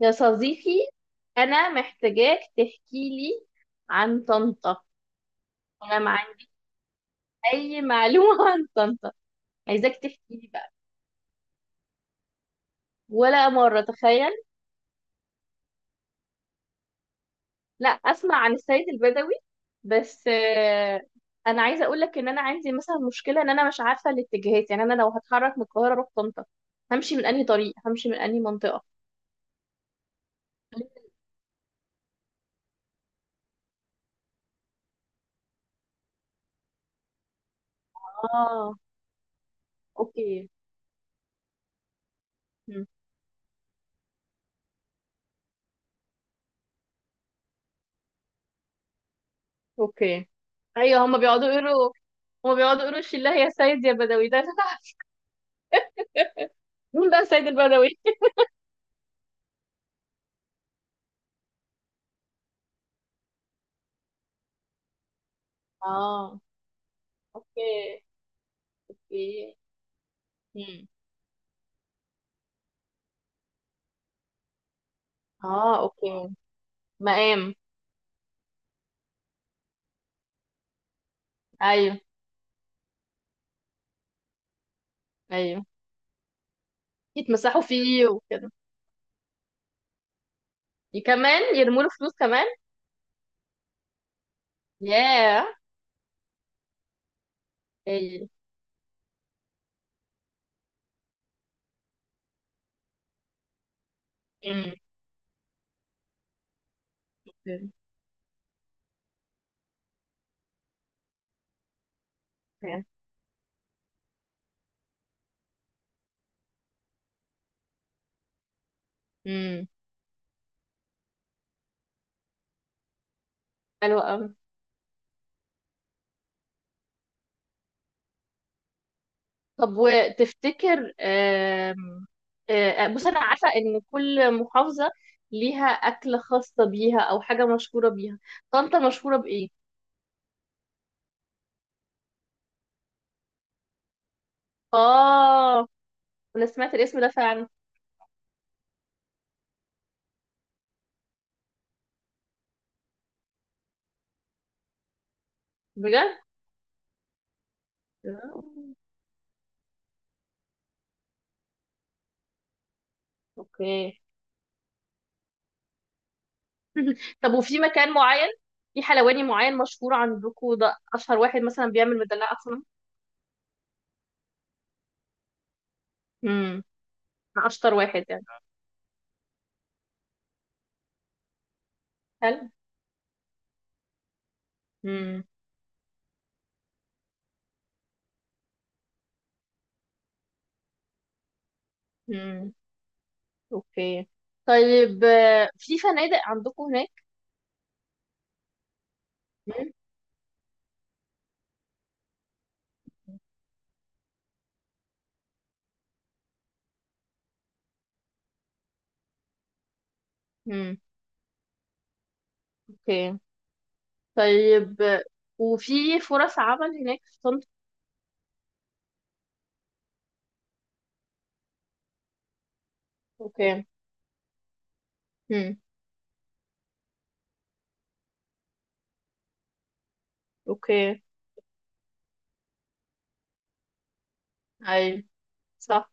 يا صديقي، أنا محتاجاك تحكي لي عن طنطا. أنا ما عندي أي معلومة عن طنطا. عايزاك تحكي لي بقى. ولا مرة، تخيل. لا، أسمع عن السيد البدوي. بس أنا عايزة أقول لك إن أنا عندي مثلا مشكلة إن أنا مش عارفة الاتجاهات، يعني أنا لو هتحرك من القاهرة أروح طنطا همشي من أنهي طريق، همشي من أنهي منطقة؟ آه. أوكي. مم، أوكي. أيوه. هما بيقعدوا يقولوا الشله يا سيد يا بدوي ده. مين بقى سيد البدوي؟ اه، اوكي. اوكي. مم. اه، اوكي. مقام. ايوه. ايوه، يتمسحوا فيه وكده. كمان يرموا له فلوس كمان؟ ياه. ايوه. امم امم حلو قوي. طب، وتفتكر، آم، آه، آه، بص، انا عارفه ان كل محافظه ليها اكله خاصه بيها او حاجه مشهوره بيها. طنطا مشهوره بايه؟ اه، انا سمعت الاسم ده فعلا. بجد؟ اوكي. طب، وفي مكان معين، في حلواني معين مشهور عندكم، ده اشهر واحد مثلا بيعمل مدلعة اصلا؟ امم. اشطر واحد يعني. هل امم امم اوكي. طيب، في فنادق عندكم هناك؟ امم. أمم. اوكي. طيب، وفي فرص عمل هناك في طنطا؟ اوكي. امم. اوكي. اي، صح.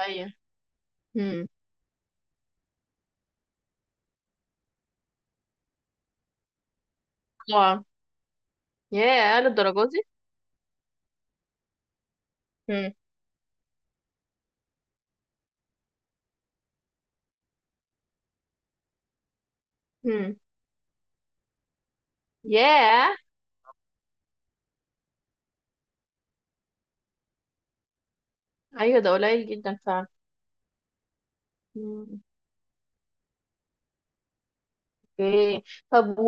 اي. امم. طبعا. ياه، للدرجة دي؟ امم. امم. ياه. ايوه، ده قليل جدا فعلا. مم. اوكي. طب،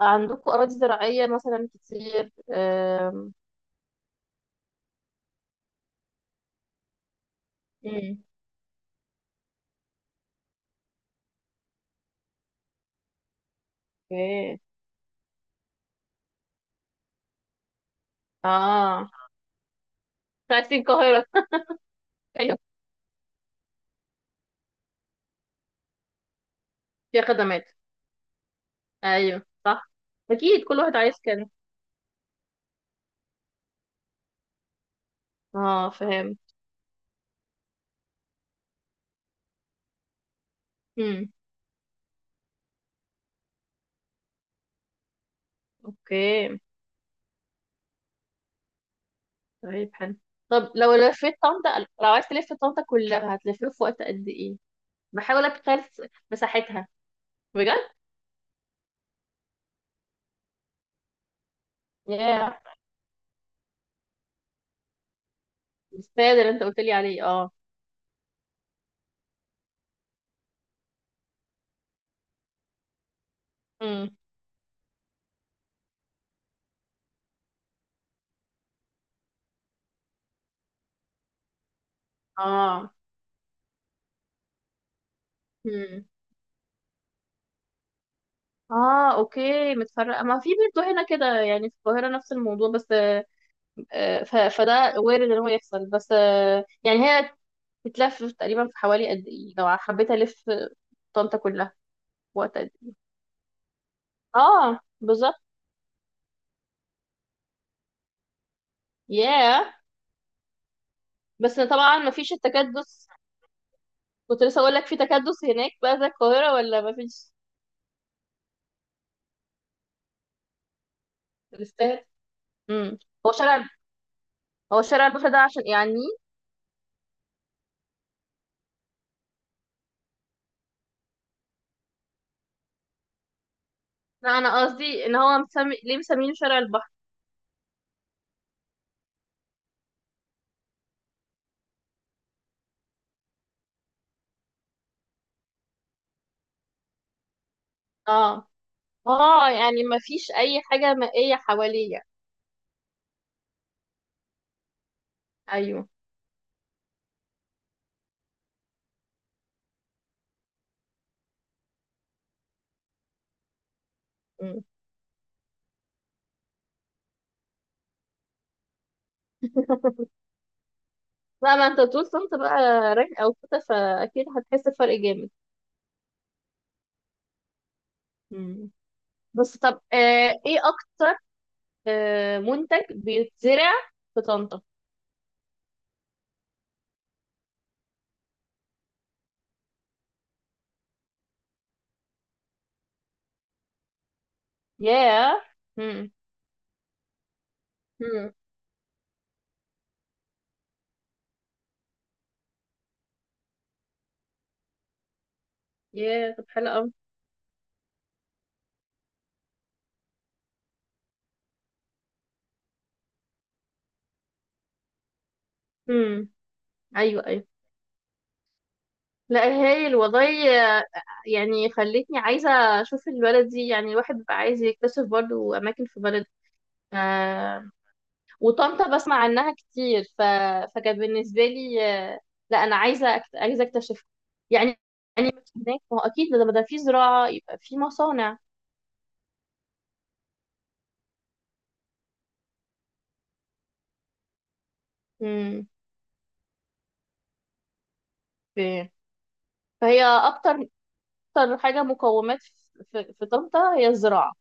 وعندكم أراضي زراعية مثلا كتير، امم. اوكي. اه، عايزين القاهرة. ايوه، فيها خدمات. ايوه صح. اكيد كل واحد عايز كده. اه، فاهم. امم. اوكي. طيب، حلو. طب لو لفيت طنطا، لو عايز تلف طنطا كلها هتلفيها في وقت قد ايه؟ بحاول اتخيل مساحتها. بجد؟ ياه. الاستاد اللي انت قلت لي عليه، اه. امم. اه. مم. اه، اوكي، متفرقه ما في. برضه هنا كده يعني، في القاهره نفس الموضوع. بس آه، آه، ف- فده وارد ان هو يحصل. بس يعني هي بتلف تقريبا في حوالي قد ايه لو حبيت الف طنطا كلها؟ وقت قد ايه؟ اه، بالظبط. ياه. بس طبعا ما فيش التكدس. كنت لسه اقول لك، في تكدس هناك بقى زي القاهره ولا ما فيش؟ تستاهل. امم. هو شارع هو شارع البحر ده عشان يعني. لا، انا قصدي ان هو مسمي ليه مسمينه شارع البحر. اه. اه، يعني ما فيش اي حاجة مائية حواليا. ايوه. مم. لا، ما انت طول كنت بقى راجل او كده، فاكيد هتحس بفرق جامد. مم. بس طب ايه اكتر منتج بيتزرع في طنطا؟ ياه. مم. مم. ياه. طب، حلو قوي. مم. ايوه، ايوه. لا، هايل والله، يعني خلتني عايزة اشوف البلد دي، يعني الواحد بقى عايز يكتشف برضو اماكن في بلد. وطنطا بسمع عنها كتير فكان بالنسبة لي، آه، لا أنا عايزة عايزة أكتشفها يعني. يعني هناك، ما هو أكيد لما ده في زراعة يبقى في مصانع. مم. ف- فهي أكتر حاجة مقومات في طنطا هي الزراعة.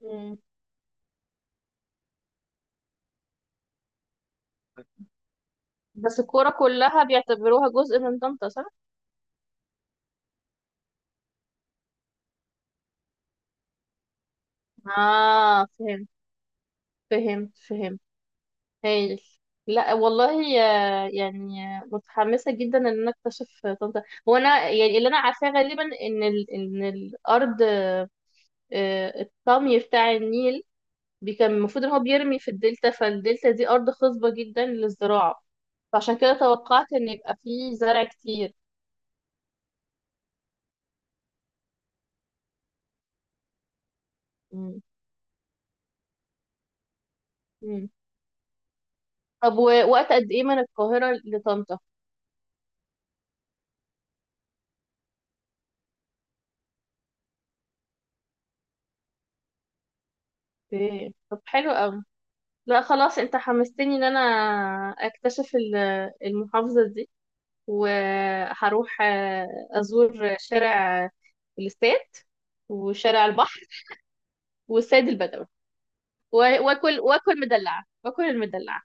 مم. بس الكورة كلها بيعتبروها جزء من طنطا، صح؟ آه، فهمت. فهمت فهمت. هايل. لا والله، يعني متحمسة جدا ان انا اكتشف طنطا. هو انا يعني اللي انا عارفاه غالبا ان ان الارض، الطمي بتاع النيل كان المفروض ان هو بيرمي في الدلتا، فالدلتا دي ارض خصبة جدا للزراعة. فعشان كده توقعت ان يبقى فيه زرع كتير. مم. مم. طب، ووقت قد ايه من القاهرة لطنطا؟ اوكي. طب، حلو قوي. لا خلاص، انت حمستني ان انا اكتشف المحافظة دي. وهروح أزور شارع الاستاد، وشارع البحر، والسيد البدوي، و- واكل المدلعة.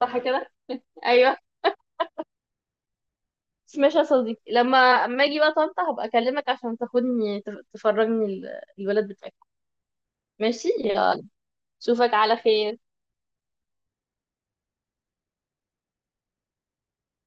صح كده؟ ايوه. بس ماشي يا صديقي، لما اما اجي بقى طنطا هبقى اكلمك عشان تاخدني تفرجني البلد بتاعتك. ماشي يلا. اشوفك على خير.